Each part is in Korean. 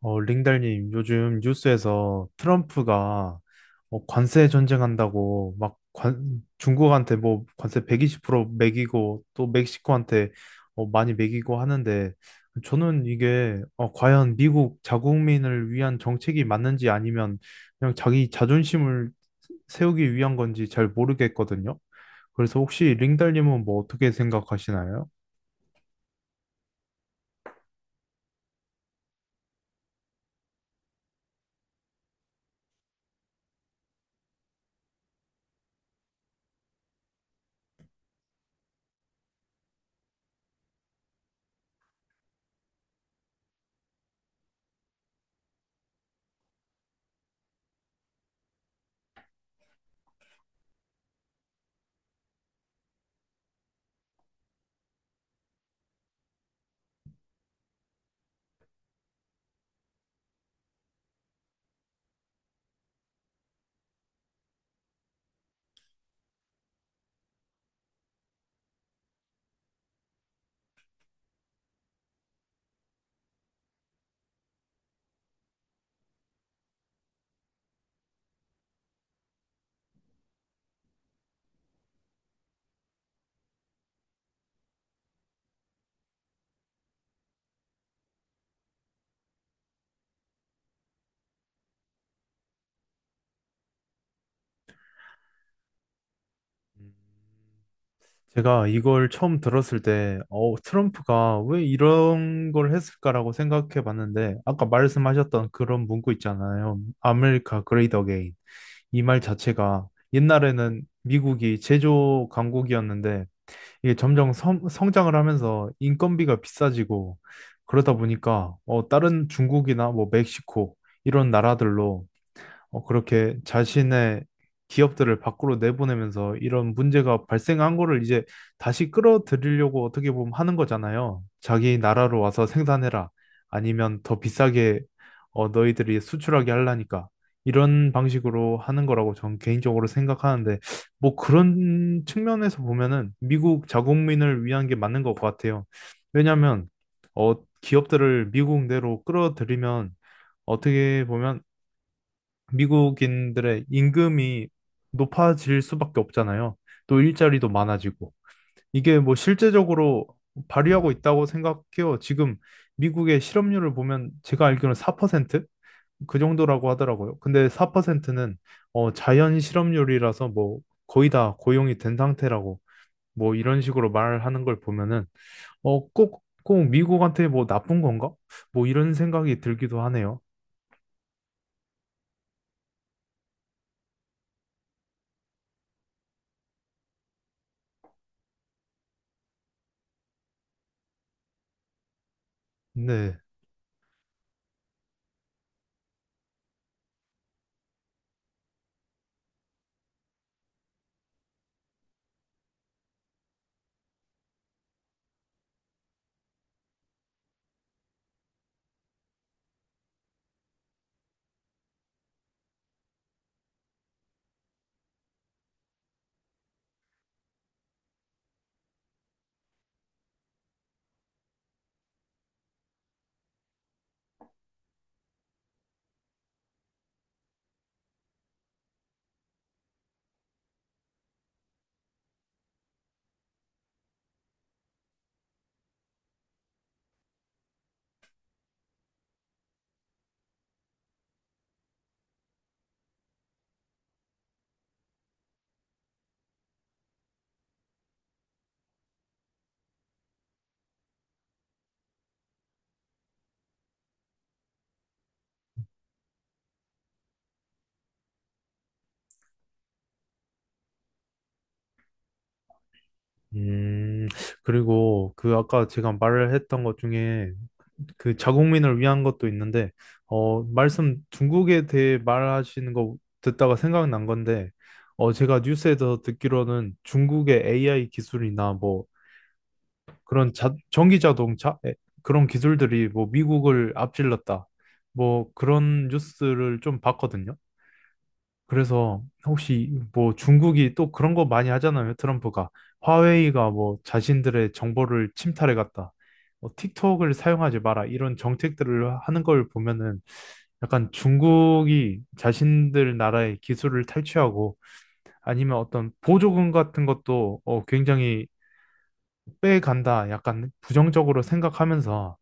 링달님, 요즘 뉴스에서 트럼프가 관세 전쟁한다고 막 중국한테 뭐 관세 120% 매기고 또 멕시코한테 많이 매기고 하는데 저는 이게 과연 미국 자국민을 위한 정책이 맞는지 아니면 그냥 자기 자존심을 세우기 위한 건지 잘 모르겠거든요. 그래서 혹시 링달님은 뭐 어떻게 생각하시나요? 제가 이걸 처음 들었을 때, 트럼프가 왜 이런 걸 했을까라고 생각해 봤는데, 아까 말씀하셨던 그런 문구 있잖아요. 아메리카 그레이트 어게인. 이 말 자체가 옛날에는 미국이 제조 강국이었는데, 이게 점점 성장을 하면서 인건비가 비싸지고, 그러다 보니까, 다른 중국이나 뭐 멕시코, 이런 나라들로 그렇게 자신의 기업들을 밖으로 내보내면서 이런 문제가 발생한 거를 이제 다시 끌어들이려고 어떻게 보면 하는 거잖아요. 자기 나라로 와서 생산해라. 아니면 더 비싸게 너희들이 수출하게 하려니까. 이런 방식으로 하는 거라고 저는 개인적으로 생각하는데, 뭐 그런 측면에서 보면은 미국 자국민을 위한 게 맞는 것 같아요. 왜냐하면 어, 기업들을 미국 내로 끌어들이면 어떻게 보면 미국인들의 임금이 높아질 수밖에 없잖아요. 또 일자리도 많아지고. 이게 뭐 실제적으로 발휘하고 있다고 생각해요. 지금 미국의 실업률을 보면 제가 알기로는 4% 정도라고 하더라고요. 근데 4%는 자연 실업률이라서 뭐 거의 다 고용이 된 상태라고 뭐 이런 식으로 말하는 걸 보면은 꼭 미국한테 뭐 나쁜 건가? 뭐 이런 생각이 들기도 하네요. 네. 음, 그리고 그 아까 제가 말을 했던 것 중에 그 자국민을 위한 것도 있는데, 말씀 중국에 대해 말하시는 거 듣다가 생각난 건데, 제가 뉴스에서 듣기로는 중국의 AI 기술이나 뭐 그런 전기 자동차 에, 그런 기술들이 뭐 미국을 앞질렀다. 뭐 그런 뉴스를 좀 봤거든요. 그래서 혹시 뭐 중국이 또 그런 거 많이 하잖아요. 트럼프가 화웨이가 뭐 자신들의 정보를 침탈해 갔다. 뭐 틱톡을 사용하지 마라. 이런 정책들을 하는 걸 보면은 약간 중국이 자신들 나라의 기술을 탈취하고 아니면 어떤 보조금 같은 것도 굉장히 빼간다. 약간 부정적으로 생각하면서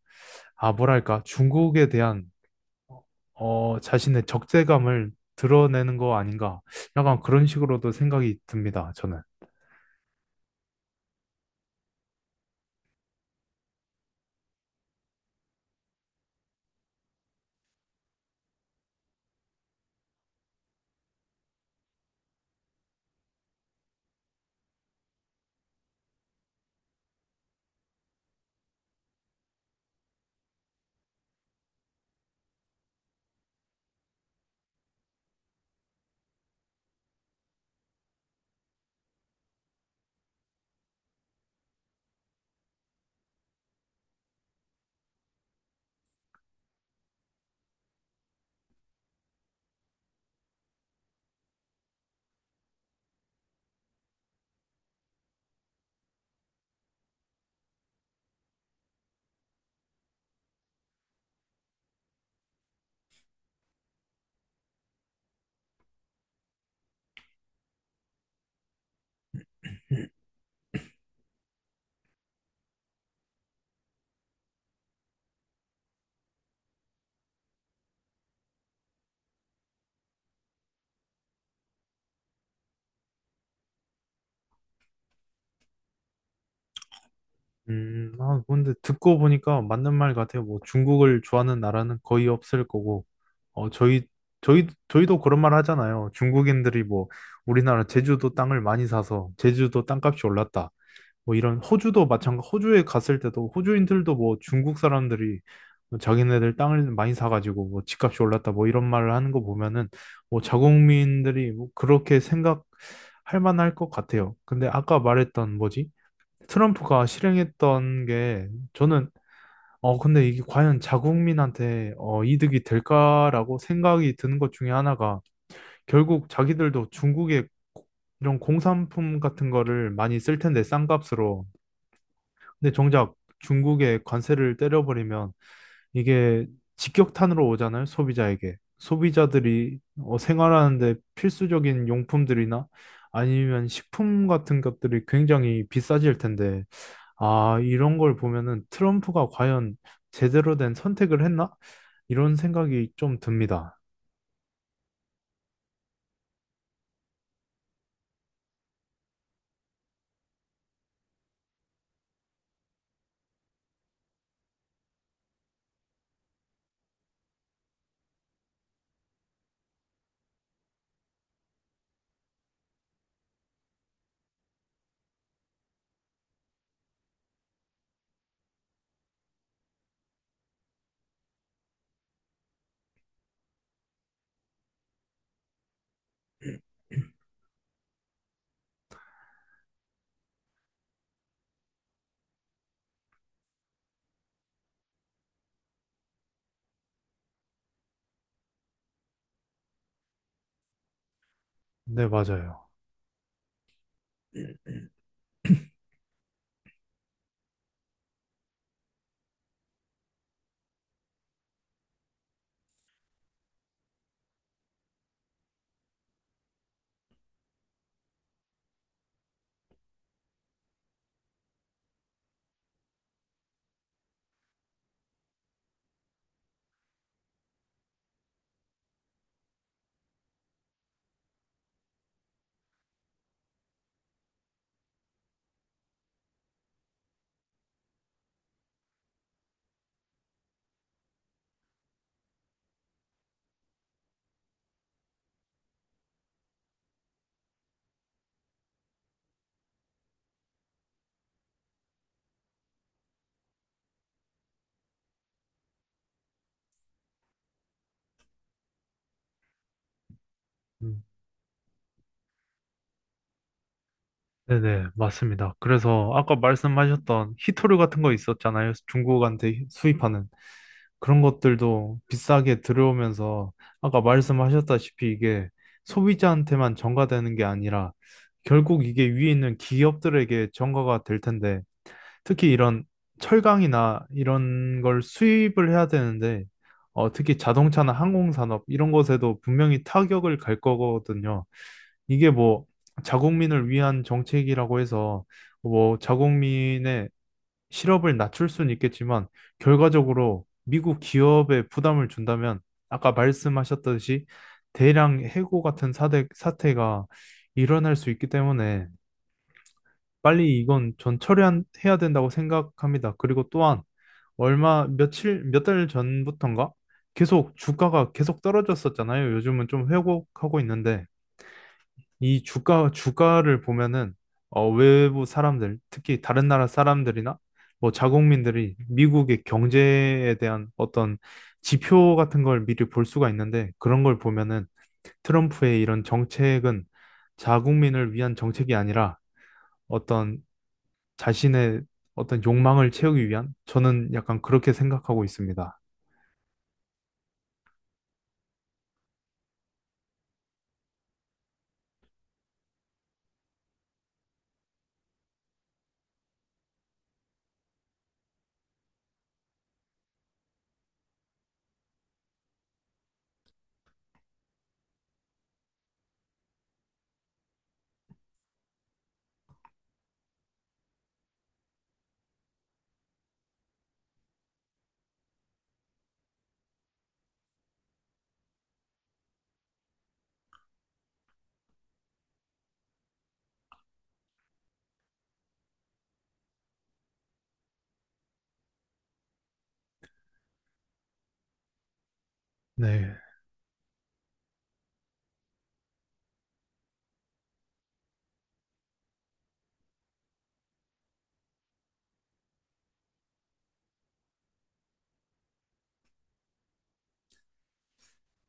아, 뭐랄까, 중국에 대한 자신의 적대감을 드러내는 거 아닌가. 약간 그런 식으로도 생각이 듭니다, 저는. 아, 근데 듣고 보니까 맞는 말 같아요. 뭐 중국을 좋아하는 나라는 거의 없을 거고, 어, 저희, 저희도 그런 말 하잖아요. 중국인들이 뭐 우리나라 제주도 땅을 많이 사서 제주도 땅값이 올랐다. 뭐 이런 호주도 마찬가지 호주에 갔을 때도 호주인들도 뭐 중국 사람들이 뭐 자기네들 땅을 많이 사가지고 뭐 집값이 올랐다 뭐 이런 말을 하는 거 보면은 뭐 자국민들이 뭐 그렇게 생각할 만할 것 같아요. 근데 아까 말했던 뭐지? 트럼프가 실행했던 게 저는 근데 이게 과연 자국민한테 이득이 될까라고 생각이 드는 것 중에 하나가 결국 자기들도 중국의 이런 공산품 같은 거를 많이 쓸 텐데 싼 값으로 근데 정작 중국에 관세를 때려버리면 이게 직격탄으로 오잖아요, 소비자에게. 소비자들이 생활하는데 필수적인 용품들이나 아니면 식품 같은 것들이 굉장히 비싸질 텐데, 아, 이런 걸 보면은 트럼프가 과연 제대로 된 선택을 했나? 이런 생각이 좀 듭니다. 네, 맞아요. 음, 네네, 맞습니다. 그래서 아까 말씀하셨던 히토류 같은 거 있었잖아요. 중국한테 수입하는. 그런 것들도 비싸게 들어오면서 아까 말씀하셨다시피 이게 소비자한테만 전가되는 게 아니라 결국 이게 위에 있는 기업들에게 전가가 될 텐데 특히 이런 철강이나 이런 걸 수입을 해야 되는데 특히 자동차나 항공산업 이런 것에도 분명히 타격을 갈 거거든요. 이게 뭐 자국민을 위한 정책이라고 해서 뭐 자국민의 실업을 낮출 수는 있겠지만 결과적으로 미국 기업에 부담을 준다면 아까 말씀하셨듯이 대량 해고 같은 사태가 일어날 수 있기 때문에 빨리 이건 전 처리해야 된다고 생각합니다. 그리고 또한 얼마 며칠 몇 달 전부턴가 계속 주가가 계속 떨어졌었잖아요. 요즘은 좀 회복하고 있는데 이 주가를 보면은, 외부 사람들, 특히 다른 나라 사람들이나, 뭐, 자국민들이 미국의 경제에 대한 어떤 지표 같은 걸 미리 볼 수가 있는데, 그런 걸 보면은 트럼프의 이런 정책은 자국민을 위한 정책이 아니라 어떤 자신의 어떤 욕망을 채우기 위한, 저는 약간 그렇게 생각하고 있습니다. 네.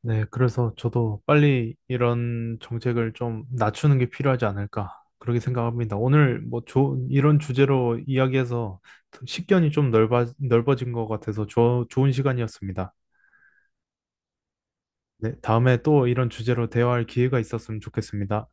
네, 그래서 저도 빨리 이런 정책을 좀 낮추는 게 필요하지 않을까, 그렇게 생각합니다. 오늘 뭐 이런 주제로 이야기해서 식견이 좀 넓어진 것 같아서 좋은 시간이었습니다. 네, 다음에 또 이런 주제로 대화할 기회가 있었으면 좋겠습니다.